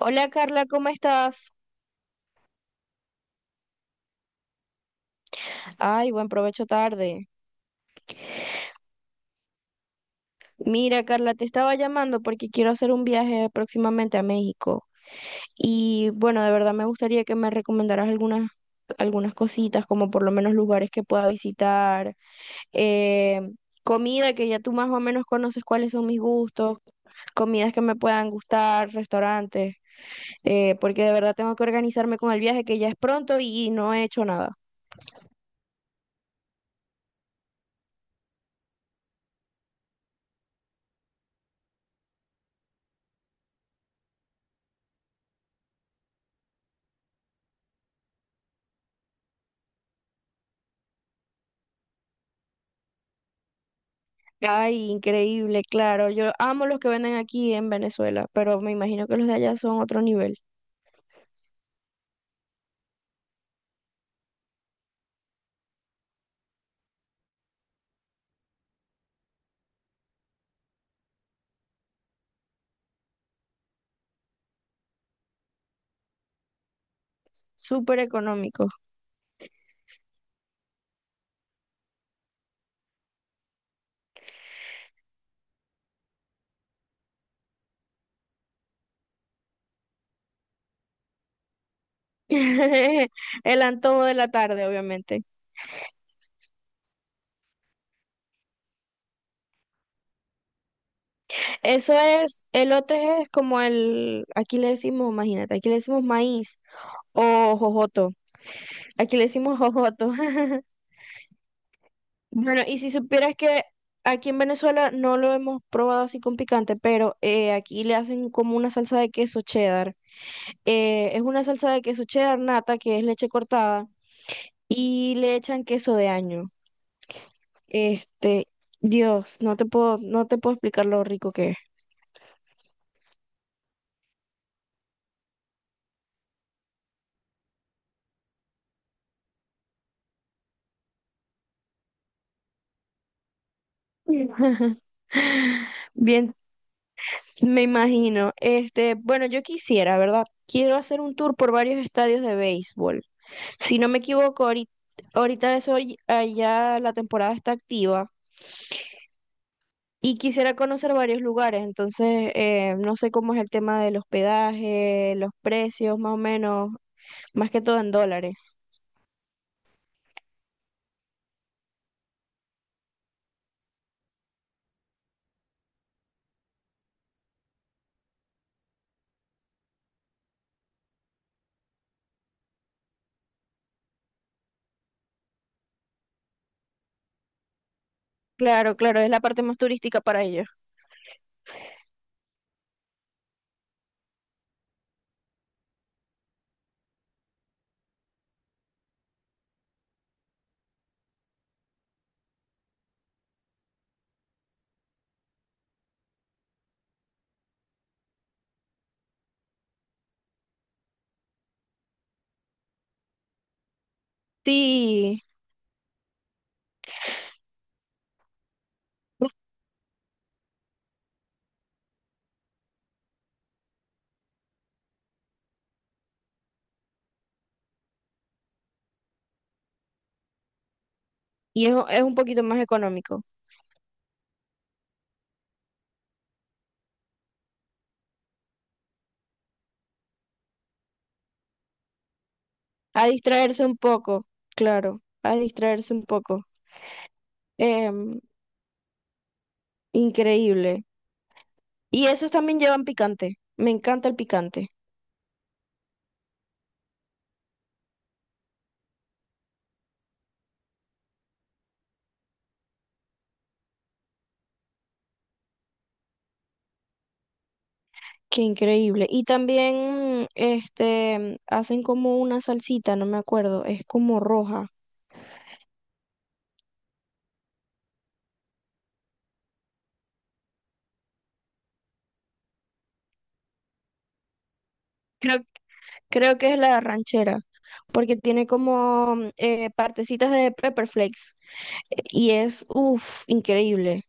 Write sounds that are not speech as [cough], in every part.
Hola Carla, ¿cómo estás? Ay, buen provecho tarde. Mira Carla, te estaba llamando porque quiero hacer un viaje próximamente a México y bueno, de verdad me gustaría que me recomendaras algunas cositas, como por lo menos lugares que pueda visitar, eh, comida que ya tú más o menos conoces cuáles son mis gustos, comidas que me puedan gustar, restaurantes, porque de verdad tengo que organizarme con el viaje que ya es pronto y no he hecho nada. Ay, increíble, claro. Yo amo los que venden aquí en Venezuela, pero me imagino que los de allá son otro nivel. Súper económico. [laughs] El antojo de la tarde, obviamente. Eso es, elote es como el, aquí le decimos, imagínate, aquí le decimos maíz o jojoto. Aquí le decimos jojoto. [laughs] Bueno, y si supieras que aquí en Venezuela no lo hemos probado así con picante, pero aquí le hacen como una salsa de queso cheddar. Es una salsa de queso cheddar nata, que es leche cortada, y le echan queso de año. Este, Dios, no te puedo explicar lo rico que es. [laughs] Bien, me imagino. Este, bueno, yo quisiera, ¿verdad? Quiero hacer un tour por varios estadios de béisbol. Si no me equivoco, ahorita allá la temporada está activa y quisiera conocer varios lugares. Entonces, no sé cómo es el tema del hospedaje, los precios, más o menos, más que todo en dólares. Claro, claro, es la parte más turística para ellos. Sí, y es un poquito más económico. A distraerse un poco, claro, a distraerse un poco. Em, Increíble. Y esos también llevan picante. Me encanta el picante. Qué increíble. Y también, este, hacen como una salsita, no me acuerdo, es como roja. Creo, creo que es la ranchera, porque tiene como partecitas de pepper flakes. Y es, uff, increíble.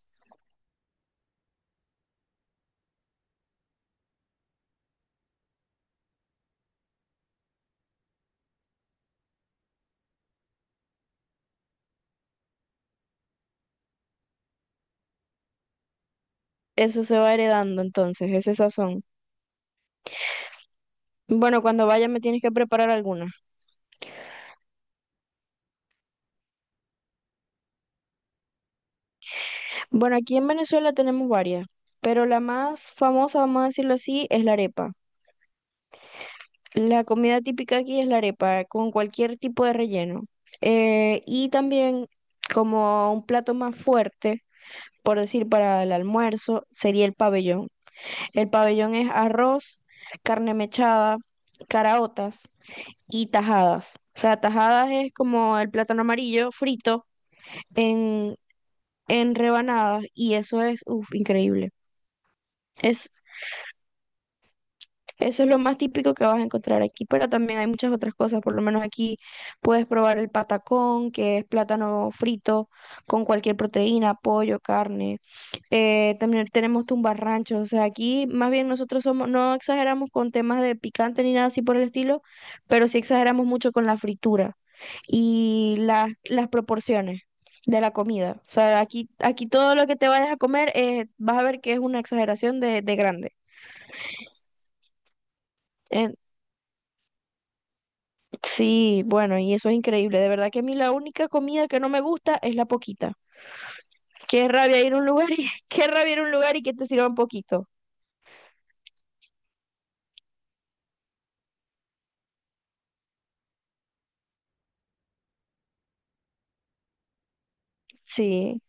Eso se va heredando entonces, ese sazón. Bueno, cuando vaya me tienes que preparar alguna. Bueno, aquí en Venezuela tenemos varias, pero la más famosa, vamos a decirlo así, es la arepa. La comida típica aquí es la arepa, con cualquier tipo de relleno. Y también como un plato más fuerte, por decir, para el almuerzo, sería el pabellón. El pabellón es arroz, carne mechada, caraotas y tajadas. O sea, tajadas es como el plátano amarillo frito en, en rebanadas y eso es, uf, increíble. Es Eso es lo más típico que vas a encontrar aquí, pero también hay muchas otras cosas. Por lo menos aquí puedes probar el patacón, que es plátano frito con cualquier proteína, pollo, carne. También tenemos tumbarranchos. O sea, aquí más bien nosotros somos, no exageramos con temas de picante ni nada así por el estilo, pero sí exageramos mucho con la fritura y las proporciones de la comida. O sea, aquí todo lo que te vayas a comer vas a ver que es una exageración de grande. Sí, bueno, y eso es increíble. De verdad que a mí la única comida que no me gusta es la poquita. Qué rabia ir a un lugar y [laughs] qué rabia ir a un lugar y que te sirvan poquito. Sí.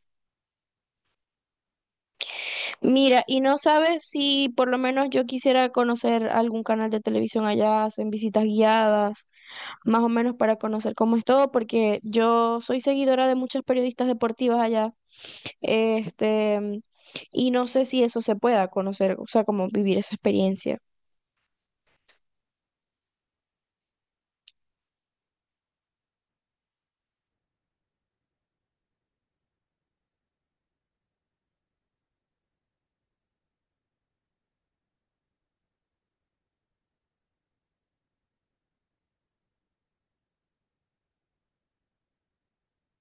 Mira, y no sabes si por lo menos yo quisiera conocer algún canal de televisión allá, hacen visitas guiadas, más o menos para conocer cómo es todo, porque yo soy seguidora de muchas periodistas deportivas allá, este, y no sé si eso se pueda conocer, o sea, como vivir esa experiencia.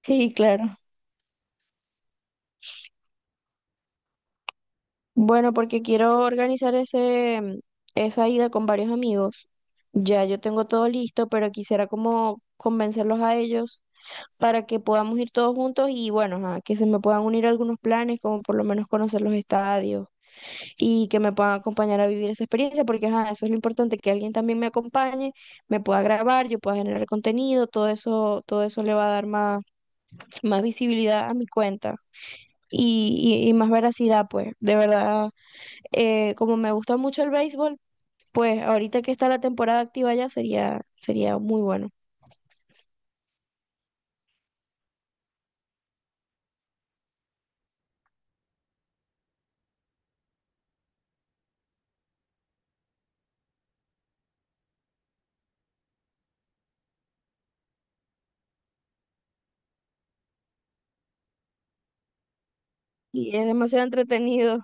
Sí, claro. Bueno, porque quiero organizar ese, mm, esa ida con varios amigos. Ya yo tengo todo listo, pero quisiera como convencerlos a ellos para que podamos ir todos juntos y bueno, ajá, que se me puedan unir algunos planes, como por lo menos conocer los estadios y que me puedan acompañar a vivir esa experiencia, porque ajá, eso es lo importante, que alguien también me acompañe, me pueda grabar, yo pueda generar contenido, todo eso le va a dar más, más visibilidad a mi cuenta. Y más veracidad, pues. De verdad, como me gusta mucho el béisbol, pues ahorita que está la temporada activa ya sería muy bueno. Y es demasiado entretenido.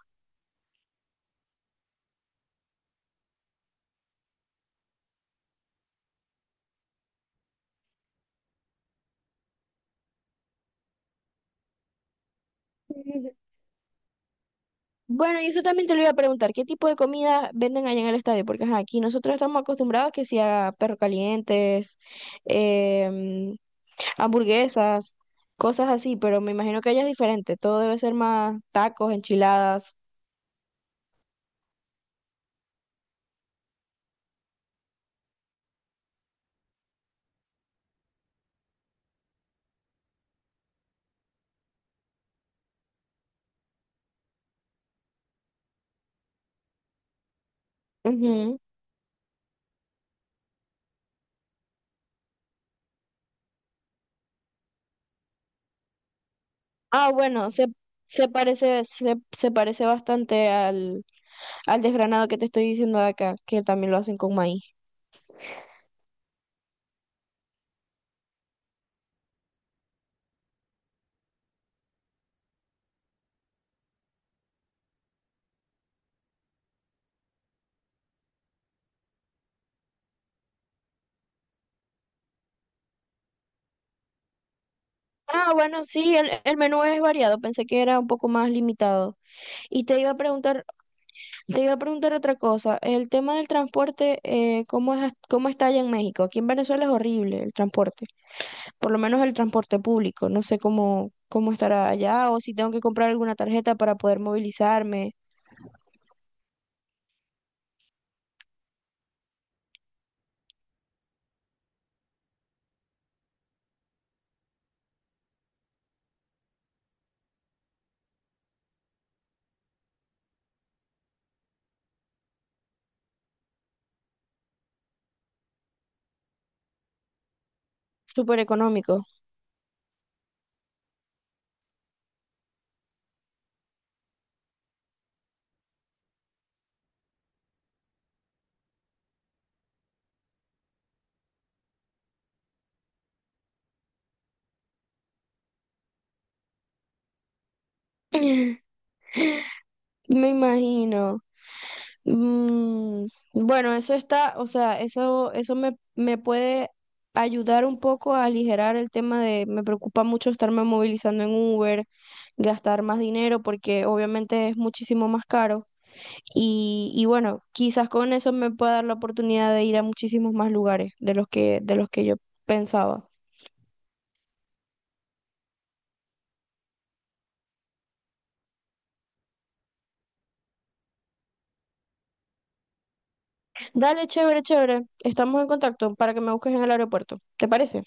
[laughs] Bueno, y eso también te lo iba a preguntar, ¿qué tipo de comida venden allá en el estadio? Porque ajá, aquí nosotros estamos acostumbrados que sea perros calientes, em, hamburguesas, cosas así, pero me imagino que allá es diferente, todo debe ser más tacos, enchiladas. Ah, se parece bastante al desgranado que te estoy diciendo de acá, que también lo hacen con maíz. Ah, bueno, sí, el menú es variado, pensé que era un poco más limitado. Y te iba a preguntar otra cosa, el tema del transporte, ¿cómo es, cómo está allá en México? Aquí en Venezuela es horrible el transporte, por lo menos el transporte público, no sé cómo estará allá o si tengo que comprar alguna tarjeta para poder movilizarme, súper económico. [laughs] Me imagino. Mm, bueno, eso está, o sea, eso me, me puede ayudar un poco a aligerar el tema de, me preocupa mucho estarme movilizando en Uber, gastar más dinero porque obviamente es muchísimo más caro. Y bueno, quizás con eso me pueda dar la oportunidad de ir a muchísimos más lugares de los que yo pensaba. Dale, chévere, chévere. Estamos en contacto para que me busques en el aeropuerto. ¿Te parece?